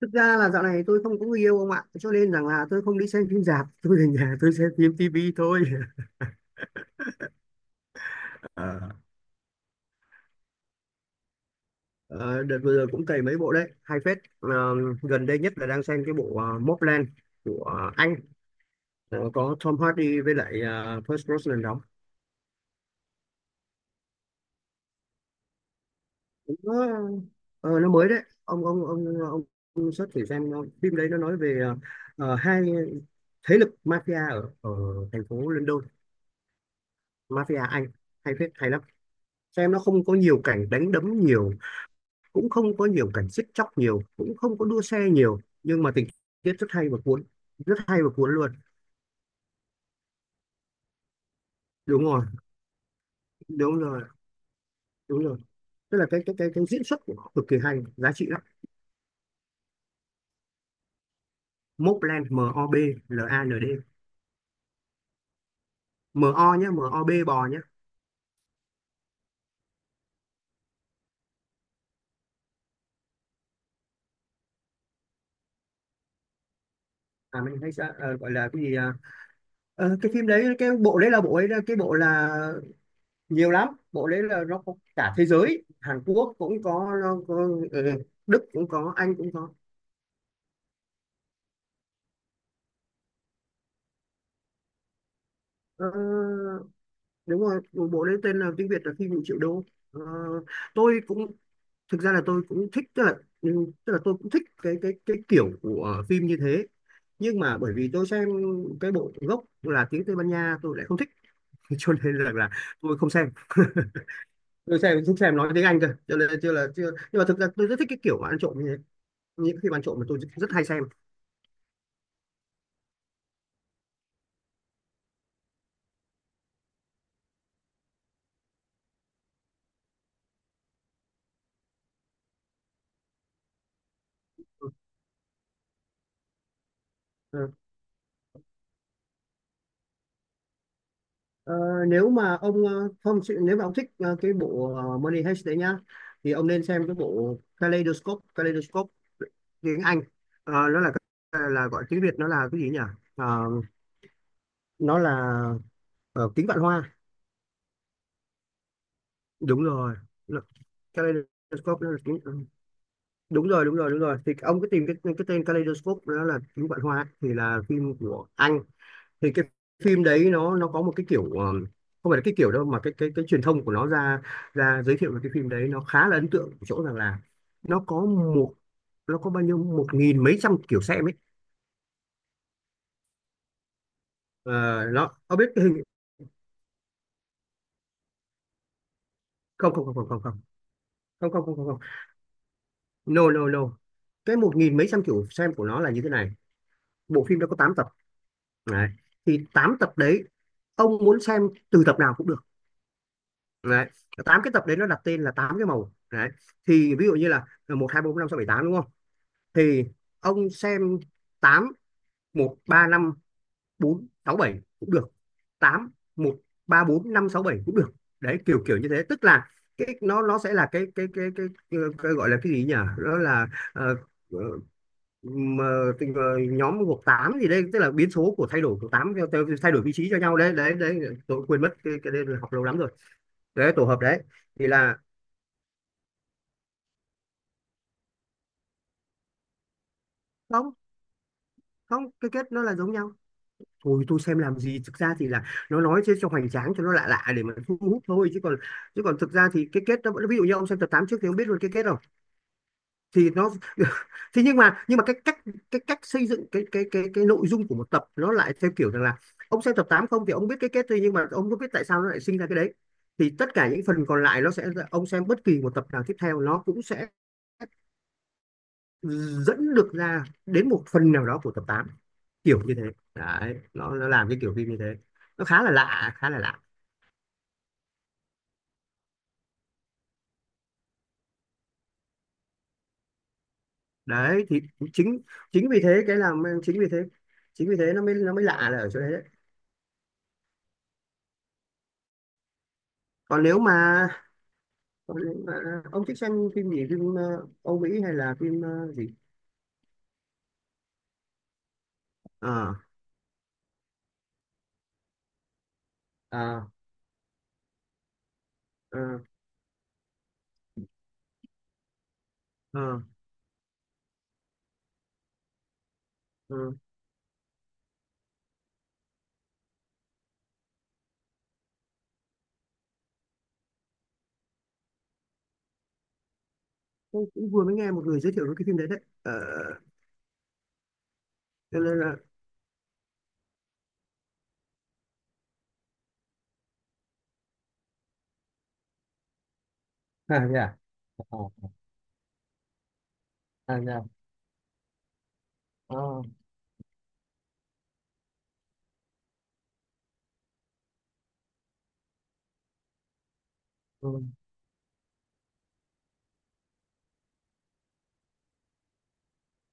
Thực ra là dạo này tôi không có người yêu ông ạ, cho nên rằng là tôi không đi xem phim rạp, tôi về nhà tôi xem phim tivi thôi. Ờ, ờ, đợt vừa rồi cũng cày mấy bộ đấy hay phết. Ờ, Gần đây nhất là đang xem cái bộ Mobland của Anh. Có Tom Hardy với lại Pierce Brosnan đóng. Nó ờ, nó mới đấy. ông ông ông ông, ông search thử xem phim đấy nó nói về hai thế lực mafia ở ở thành phố London, mafia Anh, hay phết hay lắm. Xem nó không có nhiều cảnh đánh đấm nhiều, cũng không có nhiều cảnh giết chóc nhiều, cũng không có đua xe nhiều, nhưng mà tình tiết rất hay và cuốn, rất hay và cuốn luôn. Đúng rồi, đúng rồi, đúng rồi, tức là cái diễn xuất của nó cực kỳ hay, giá trị lắm. Mobland. M O B L A N D. M O nhá, M O B bò nhá. À, mình hay sẽ gọi là cái gì à? Cái phim đấy, cái bộ đấy là bộ ấy, cái bộ là nhiều lắm, bộ đấy là nó có cả thế giới. Hàn Quốc cũng có, nó có Đức cũng có, Anh cũng có. Ờ, Đúng rồi, một bộ lấy tên là tiếng Việt là phim 1 triệu đô. Ờ, tôi cũng thực ra là tôi cũng thích, tức là ừ, tức là tôi cũng thích cái kiểu của phim như thế. Nhưng mà bởi vì tôi xem cái bộ gốc là tiếng Tây Ban Nha tôi lại không thích. Cho nên là tôi không xem. Tôi xem nói tiếng Anh cơ, cho nên là chưa, là chưa. Nhưng mà thực ra tôi rất thích cái kiểu mà ăn trộm như thế, những phim ăn trộm mà tôi rất hay xem. Ừ. Ờ, nếu mà ông ờ, Không, nếu mà ông thích cái bộ Money Heist đấy nhá, thì ông nên xem cái bộ Kaleidoscope. Kaleidoscope tiếng Anh. Ờ, nó là gọi tiếng Việt nó là cái gì nhỉ? Ờ, nó là kính vạn hoa. Đúng rồi. Nó- Kaleidoscope nó là kính, đúng rồi, đúng rồi, đúng rồi, thì ông cứ tìm cái tên Kaleidoscope, nó là kính vạn hoa, thì là phim của Anh. Thì cái phim đấy nó có một cái kiểu, không phải là cái kiểu đâu, mà cái truyền thông của nó ra ra giới thiệu về cái phim đấy nó khá là ấn tượng ở chỗ rằng là nó có một nó có bao nhiêu một nghìn mấy trăm kiểu xem ấy. Ờ, nó, ông biết cái hình. Không, không, không, không, không, không, không, không, không, không, không. No no no. Cái một nghìn mấy trăm kiểu xem của nó là như thế này. Bộ phim nó có 8 tập đấy. Thì 8 tập đấy, ông muốn xem từ tập nào cũng được đấy. 8 cái tập đấy nó đặt tên là 8 cái màu đấy. Thì ví dụ như là 1 2 3, 4, 5, 6, 7, 8, đúng không? Thì ông xem 8 1 3 5 4 6 7 cũng được, 8 1 3 4 5 6 7 cũng được. Đấy, kiểu kiểu như thế, tức là cái nó sẽ là cái gọi là cái gì nhỉ, đó là ờ, ờ, mà tình- ờ, nhóm gộp 8 gì đây, tức là biến số của thay đổi của tám theo, thay đổi vị trí cho nhau, đấy đấy đấy, tôi quên mất cái đây, học lâu lắm rồi. Đấy, tổ hợp đấy. Thì là không. Không, cái kết nó là giống nhau. Thôi tôi xem làm gì, thực ra thì là nó nói chứ cho hoành tráng, cho nó lạ lạ để mà thu hút thôi, chứ còn thực ra thì cái kết nó vẫn, ví dụ như ông xem tập 8 trước thì ông biết luôn cái kết rồi, thì nó thế nhưng mà cái cách xây dựng cái nội dung của một tập nó lại theo kiểu rằng là ông xem tập 8 không thì ông biết cái kết thôi, nhưng mà ông không biết tại sao nó lại sinh ra cái đấy, thì tất cả những phần còn lại nó sẽ, ông xem bất kỳ một tập nào tiếp theo nó cũng sẽ dẫn được ra đến một phần nào đó của tập tám, kiểu như thế. Đấy, nó làm cái kiểu phim như thế, nó khá là lạ, khá là lạ. Đấy, thì chính chính vì thế cái làm chính vì thế, chính vì thế nó mới lạ là ở chỗ đấy đấy. còn nếu mà, Còn nếu mà ông thích xem phim gì, phim Âu Mỹ, hay là phim gì. ờ ờ ờ ờ ờ. Tôi cũng vừa mới nghe một người giới thiệu cái phim đấy đấy, cho nên là à thế à, à, à thế à. Ờ, ừ.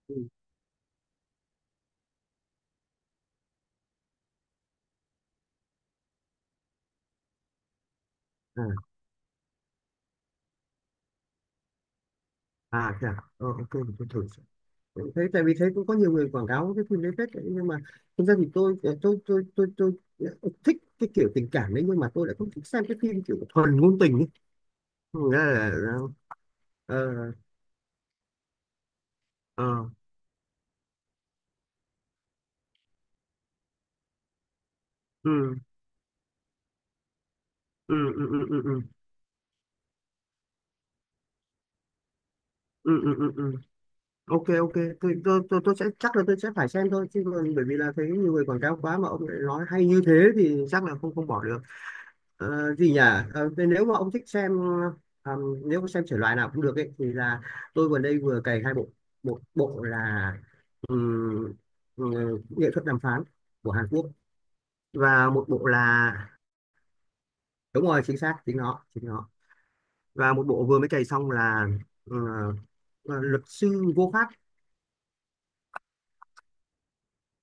Ừ. À, à thế à. Ờ, ok, mình thử. Thế tại vì thấy cũng có nhiều người quảng cáo cái phim đấy phết đấy. Nhưng mà thực ra thì tôi thích cái kiểu tình cảm đấy, nhưng mà tôi lại không thích xem cái phim kiểu thuần ngôn tình ấy. Nghĩa là là- là, ờ ờ ừ ừ ừ ừ ừ ừ ừ ừ ừ, ừ. Ok ok, tôi sẽ, chắc là tôi sẽ phải xem thôi, chứ còn bởi vì là thấy nhiều người quảng cáo quá mà ông lại nói hay như thế thì chắc là không, không bỏ được. Gì nhỉ? Thế nếu mà ông thích xem, ờ, nếu mà xem thể loại nào cũng được ấy thì là tôi vừa đây vừa cày 2 bộ, một bộ là ừm, ừ, nghệ thuật đàm phán của Hàn Quốc, và một bộ là, đúng rồi, chính xác, chính nó chính nó, và một bộ vừa mới cày xong là ờ, luật sư vô pháp.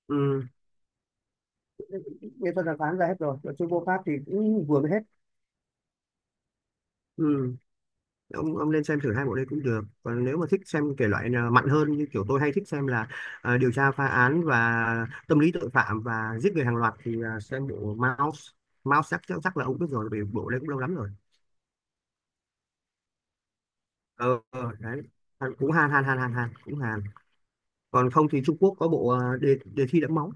Ừm, Nghệ thuật đàm phán ra hết rồi, luật sư vô pháp thì cũng vừa mới hết. Ông nên xem thử hai bộ đây cũng được, còn nếu mà thích xem thể loại nào mạnh hơn, như kiểu tôi hay thích xem là à, điều tra phá án và tâm lý tội phạm và giết người hàng loạt, thì à, xem bộ Mouse. Mouse chắc chắc chắc là ông biết rồi vì bộ đây cũng lâu lắm rồi. Ờ, Đấy, Hàn- cũng Hàn Hàn Hàn Hàn Hàn cũng Hàn. Còn không thì Trung Quốc có bộ à, đề đề thi đẫm máu.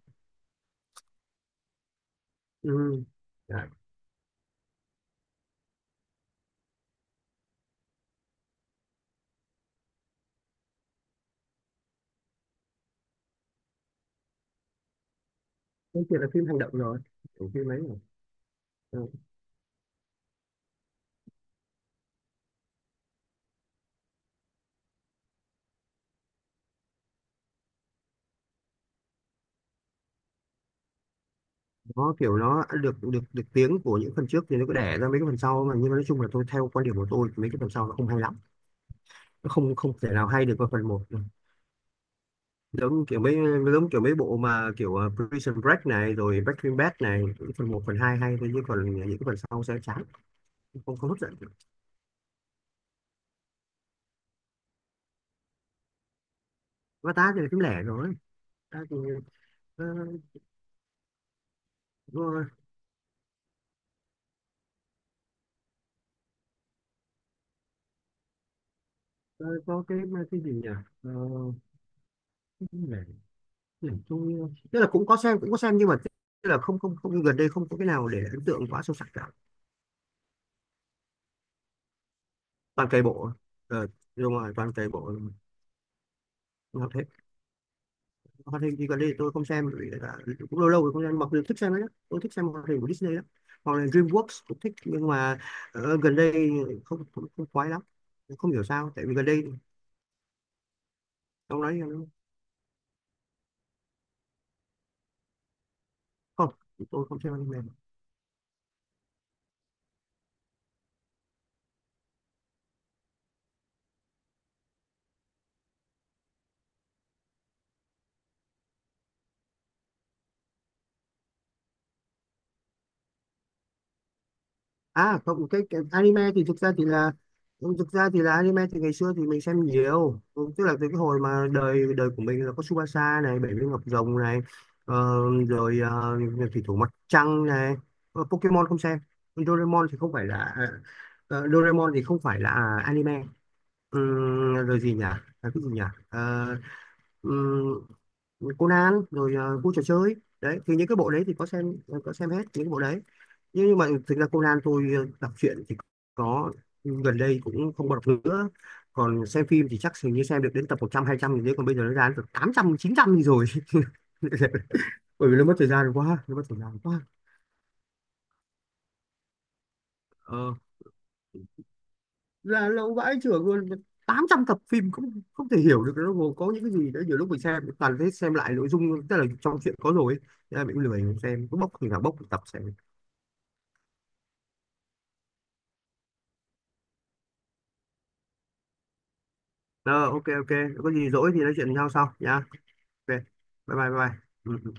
Ừ. Đấy. Cái kia là phim hành động rồi, kiểu phim ấy rồi. Ừ. Nó kiểu nó được được được tiếng của những phần trước, thì nó cứ đẻ ra mấy cái phần sau mà, nhưng mà nói chung là tôi, theo quan điểm của tôi, mấy cái phần sau nó không hay lắm, nó không, không thể nào hay được qua phần một. giống kiểu mấy Giống kiểu mấy bộ mà kiểu Prison Break này, rồi Breaking Bad này, những phần 1 phần 2 hay thôi, nhưng phần những cái phần sau sẽ chán, không, không hấp dẫn. Avatar thì là phim lẻ rồi. Ta thì ờ, vừa- ờ, có cái cái gì nhỉ? Ờ, cái phim lẻ, lẻ tôi tức là cũng có xem, cũng có xem, nhưng mà tức là không, không gần đây không có cái nào để ấn tượng quá sâu sắc cả. Toàn cày bộ. ờ Đúng rồi, toàn cày bộ. Hoạt hình thì gần đây thì tôi không xem bởi vì là cũng lâu lâu rồi không xem, mặc dù thích xem đấy. Tôi thích xem hoạt hình của Disney lắm, hoặc là DreamWorks cũng thích, nhưng mà gần đây không, không, không khoái lắm, không hiểu sao, tại vì gần đây ông nói là không, tôi không xem anime. À không, cái anime thì thực ra thì là, anime thì ngày xưa thì mình xem nhiều. Ừ, tức là từ cái hồi mà đời đời của mình là có Tsubasa này, Bảy viên ngọc rồng này, ờ, rồi thủy thủ mặt trăng này. Pokemon không xem, Doraemon thì không phải là à, Doraemon thì không phải là anime. Rồi gì nhỉ? À, cái gì nhỉ? Ờ, ừm, Conan rồi vua trò chơi đấy, thì những cái bộ đấy thì có xem, có xem hết những cái bộ đấy. Nhưng mà thực ra Conan tôi đọc truyện thì có, gần đây cũng không còn đọc nữa, còn xem phim thì chắc hình như xem được đến tập 100 200 gì đấy, còn bây giờ nó ra đến tập 800 900 gì rồi. Bởi vì nó mất thời gian quá, nó mất thời gian quá. ờ, là lâu vãi chưởng luôn, 800 tập phim cũng không thể hiểu được nó gồm có những cái gì đấy, nhiều lúc mình xem toàn thấy xem lại nội dung, tức là trong truyện có rồi ấy. Thế là mình cũng lười, mình xem cứ bốc thì nào bốc một tập xem. Ờ, ok ok, có gì rỗi thì nói chuyện với nhau sau nha. Ok, bye bye bye bye. Ừ.